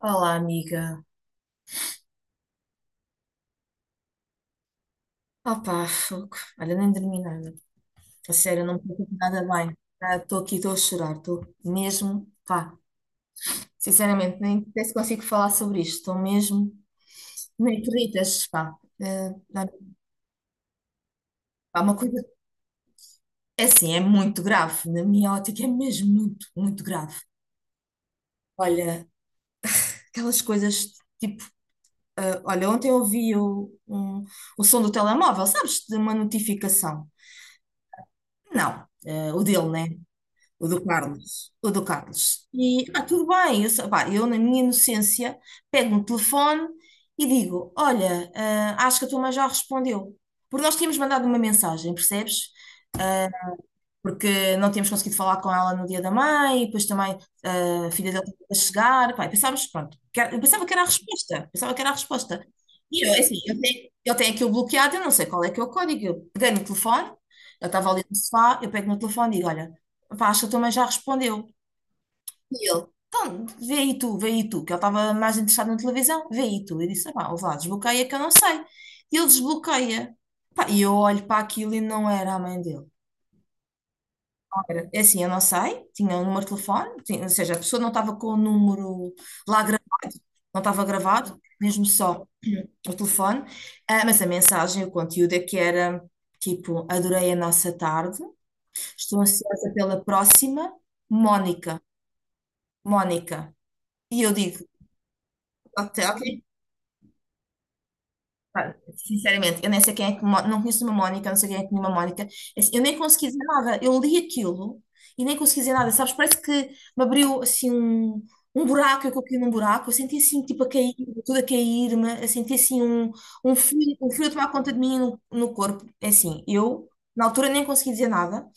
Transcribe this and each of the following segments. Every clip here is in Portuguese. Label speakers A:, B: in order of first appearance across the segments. A: Olá, amiga. Opa, fogo. Olha, nem dormi nada. A sério, não me sinto nada bem. Ah, estou aqui, estou a chorar. Estou mesmo, pá. Sinceramente, nem sei se consigo falar sobre isto. Estou mesmo, nem acreditas, pá. Eh, dá- Pá, uma coisa, é assim, é muito grave. Na minha ótica, é mesmo muito, muito grave. Olha, aquelas coisas, tipo, olha, ontem eu ouvi o som do telemóvel, sabes? De uma notificação. Não, o dele, né? O do Carlos, o do Carlos. E, ah, tudo bem, pá, eu na minha inocência pego no telefone e digo, olha, ah, acho que a tua mãe já respondeu. Porque nós tínhamos mandado uma mensagem, percebes? Porque não tínhamos conseguido falar com ela no dia da mãe, e depois também ah, a filha dele estava a chegar, pá, e pensávamos, pronto, eu pensava que era a resposta, pensava que era a resposta. E eu, assim, eu tenho aquilo bloqueado, eu não sei qual é que é o código, eu peguei no telefone, eu estava ali no sofá, eu pego no telefone e digo, olha, pá, acho que a tua mãe já respondeu. E ele, então, vê aí tu, que ele estava mais interessado na televisão, vê aí tu. Eu disse, ah, pá, ouve lá, desbloqueia que eu não sei. E ele desbloqueia. Pá, e eu olho para aquilo e não era a mãe dele. Era. É assim, eu não sei, tinha um número de telefone, ou seja, a pessoa não estava com o número lá, não estava gravado, mesmo só o telefone. Ah, mas a mensagem, o conteúdo é que era tipo, adorei a nossa tarde, estou ansiosa pela próxima, Mónica, Mónica. E eu digo, ok, ok. Pá, sinceramente, eu nem sei quem é que, não conheço uma Mónica, não sei quem é que nenhuma Mónica. É assim, eu nem consegui dizer nada. Eu li aquilo e nem consegui dizer nada, sabes? Parece que me abriu assim um buraco, eu caí num buraco. Eu senti assim, tipo, a cair, tudo a cair-me. Eu senti assim um frio, um frio a tomar conta de mim no corpo. É assim, eu na altura nem consegui dizer nada.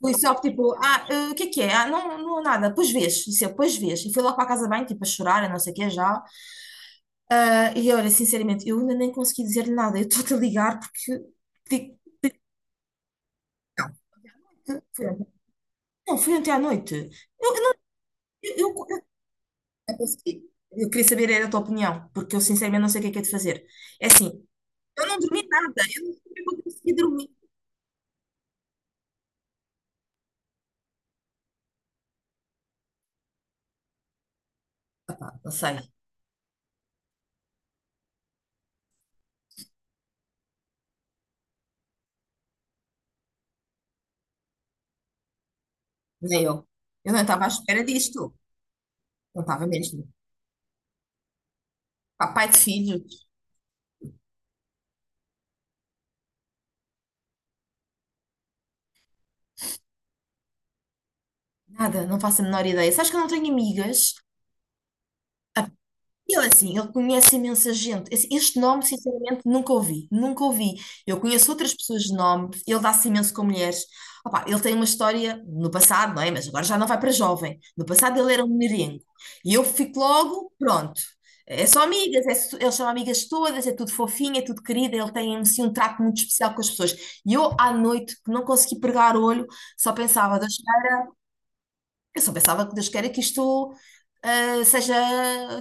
A: Fui só tipo, ah, o que é que é? Ah, não, não, nada. Pois vês, isso eu, pois vês. E fui logo para a casa bem, tipo, a chorar, e não sei o que já. Ah, e olha, sinceramente, eu ainda nem consegui dizer-lhe nada. Eu estou-te a ligar porque. porque- Então, foi ontem. Não, foi ontem à noite. Eu não. Eu, eu, eu- eu consegui. Eu queria saber era a tua opinião, porque eu sinceramente não sei o que é de fazer. É assim, eu não dormi nada. Eu não sei como é que eu consegui dormir. Pá, não sei, nem eu. Eu não estava à espera disto. Não estava mesmo. Pá, pai de filhos, nada, não faço a menor ideia. Sabes que eu não tenho amigas. Eu assim, ele conhece imensa gente. Assim, este nome, sinceramente, nunca ouvi, nunca ouvi. Eu conheço outras pessoas de nome, ele dá-se imenso com mulheres. Opá, ele tem uma história no passado, não é? Mas agora já não vai para jovem. No passado ele era um merengue. E eu fico logo, pronto. É só amigas, é, ele chama amigas todas, é tudo fofinho, é tudo querido, ele tem assim um trato muito especial com as pessoas. E eu à noite, que não consegui pregar o olho, só pensava, eu só pensava que Deus queira que isto ah, seja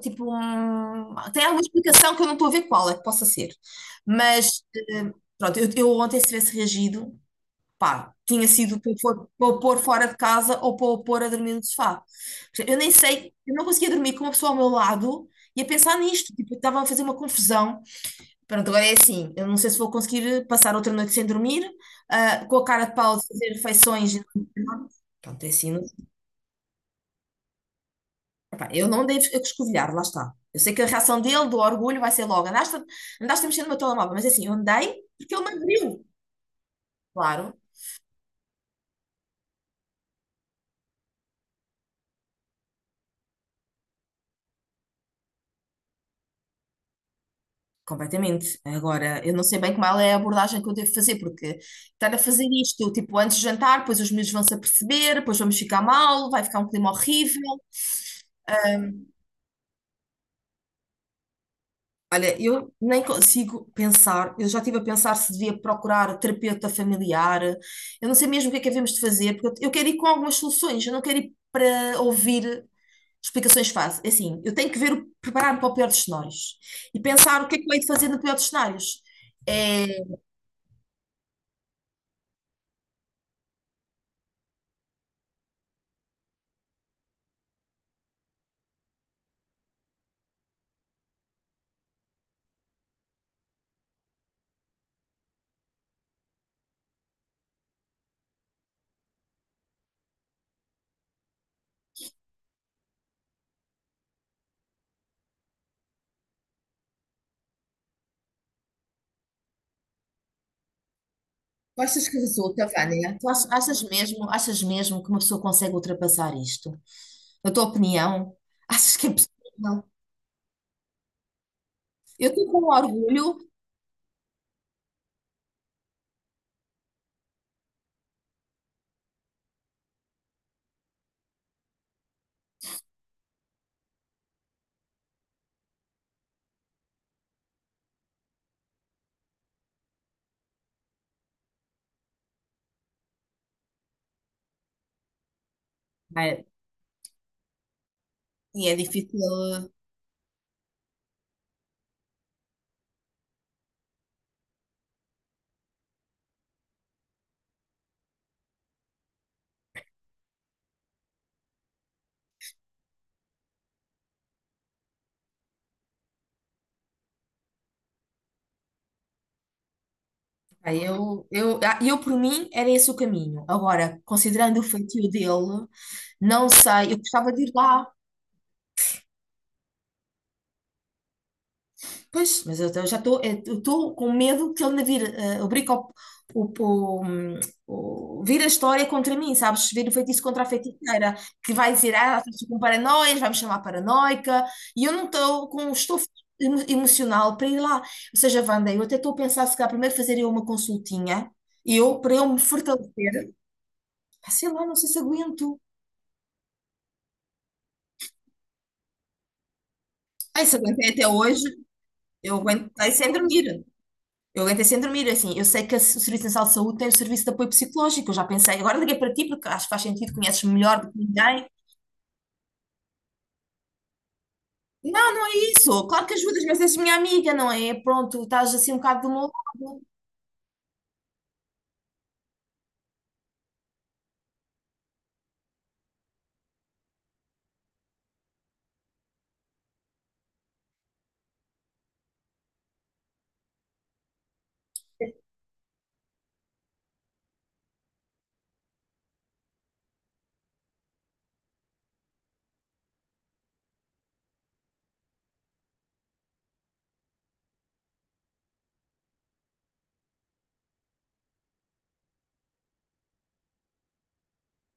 A: tipo um... Tem alguma explicação que eu não estou a ver qual é que possa ser. Mas pronto, eu ontem se tivesse reagido, pá, tinha sido para o pôr fora de casa ou para o pôr a dormir no sofá. Eu nem sei, eu não conseguia dormir com uma pessoa ao meu lado e a pensar nisto, tipo, estava a fazer uma confusão. Pronto, agora é assim, eu não sei se vou conseguir passar outra noite sem dormir, ah, com a cara de pau de fazer refeições. Pronto, é assim. Epá, eu não devo escovilhar, lá está. Eu sei que a reação dele, do orgulho, vai ser logo: andaste a mexer no meu telemóvel, mas é assim, eu andei porque ele me abriu. Claro, completamente. Agora, eu não sei bem como ela é a abordagem que eu devo fazer, porque estar a fazer isto, tipo, antes de jantar, depois os meus vão se aperceber, depois vamos ficar mal, vai ficar um clima horrível. Olha, eu nem consigo pensar, eu já estive a pensar se devia procurar terapeuta familiar, eu não sei mesmo o que é que havemos de fazer, porque eu quero ir com algumas soluções, eu não quero ir para ouvir explicações fáceis. É assim, eu tenho que ver, preparar-me para o pior dos cenários e pensar o que é que eu hei de fazer no pior dos cenários. É, tu achas que resulta, Vânia? Tu achas mesmo que uma pessoa consegue ultrapassar isto? Na tua opinião, achas que é possível? Eu estou com orgulho, é, e é difícil. Ah, Eu, por mim, era esse o caminho. Agora, considerando o feitio dele, não sei, eu gostava de ir lá. Pois, mas eu já estou eu estou com medo que ele me vire, obrigue o, o, hum, vire a história contra mim, sabes? Vire o feitiço contra a feiticeira, que vai dizer, ah, ela fez com paranoias, vai me chamar paranoica, e eu não estou com o estofo emocional para ir lá. Ou seja, Wanda, eu até estou a pensar se calhar primeiro fazer eu uma consultinha, eu, para eu me fortalecer. Ah, sei lá, não sei se aguento. Ai, se aguentei até hoje, eu aguentei sem dormir. Eu aguentei sem dormir, é assim, eu sei que o Serviço Nacional de Saúde tem o serviço de apoio psicológico, eu já pensei, agora liguei para ti porque acho que faz sentido, conheces melhor do que ninguém. Não, não é isso, claro que ajudas, mas és minha amiga, não é? Pronto, estás assim um bocado do meu lado.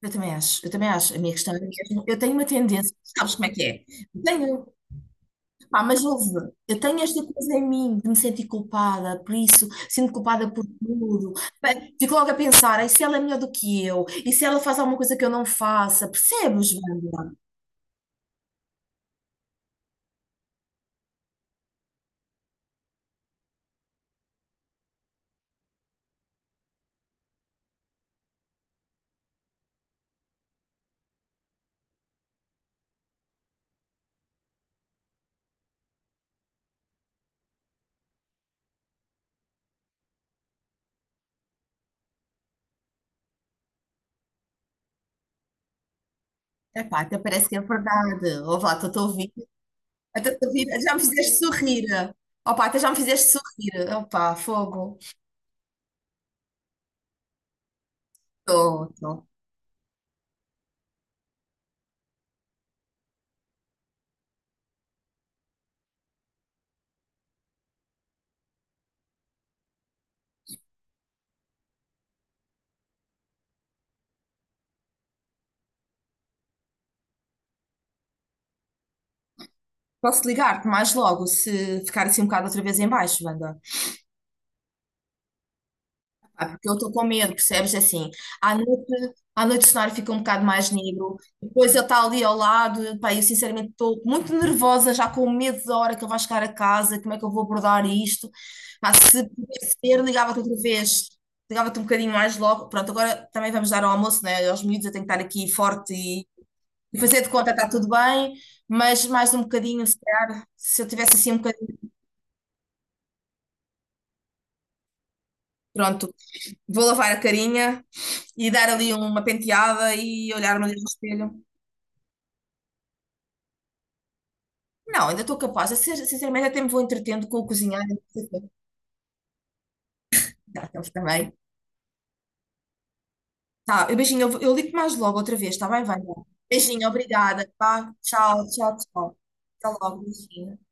A: Eu também acho, a minha questão é mesmo, eu tenho uma tendência, sabes como é que é? Eu tenho, pá, mas ouve, eu tenho esta coisa em mim de me sentir culpada por isso, sinto culpada por tudo. Bem, fico logo a pensar, e se ela é melhor do que eu? E se ela faz alguma coisa que eu não faça? Percebes, Wanda? Epá, até parece que é verdade. Ó lá, estou a ouvir. Até tô a ouvir. Já me fizeste sorrir. Ó pá, até já me fizeste sorrir. Ó fogo. Estou, estou. Posso ligar-te mais logo se ficar assim um bocado outra vez em baixo, Wanda? Ah, porque eu estou com medo, percebes? É assim, à noite, à noite o cenário fica um bocado mais negro, depois ele está ali ao lado, pá, eu sinceramente estou muito nervosa, já com medo da hora que ele vai chegar a casa, como é que eu vou abordar isto? Pá, se pudesse ser, ligava-te outra vez, ligava-te um bocadinho mais logo. Pronto, agora também vamos dar ao almoço, né? Aos miúdos, eu tenho que estar aqui forte e fazer de conta que está tudo bem, mas mais um bocadinho, se calhar, se eu tivesse assim um bocadinho, pronto. Vou lavar a carinha e dar ali uma penteada e olhar-me ali no espelho. Não, ainda estou capaz. Eu, sinceramente, até me vou entretendo com o cozinhar. E não sei o quê. Tá, tá, tá bem. Tá, beijinho, eu ligo-te mais logo outra vez, tá bem, vai vai. Beijinho, obrigada. Tá? Tchau, tchau, tchau. Até logo, beijinho.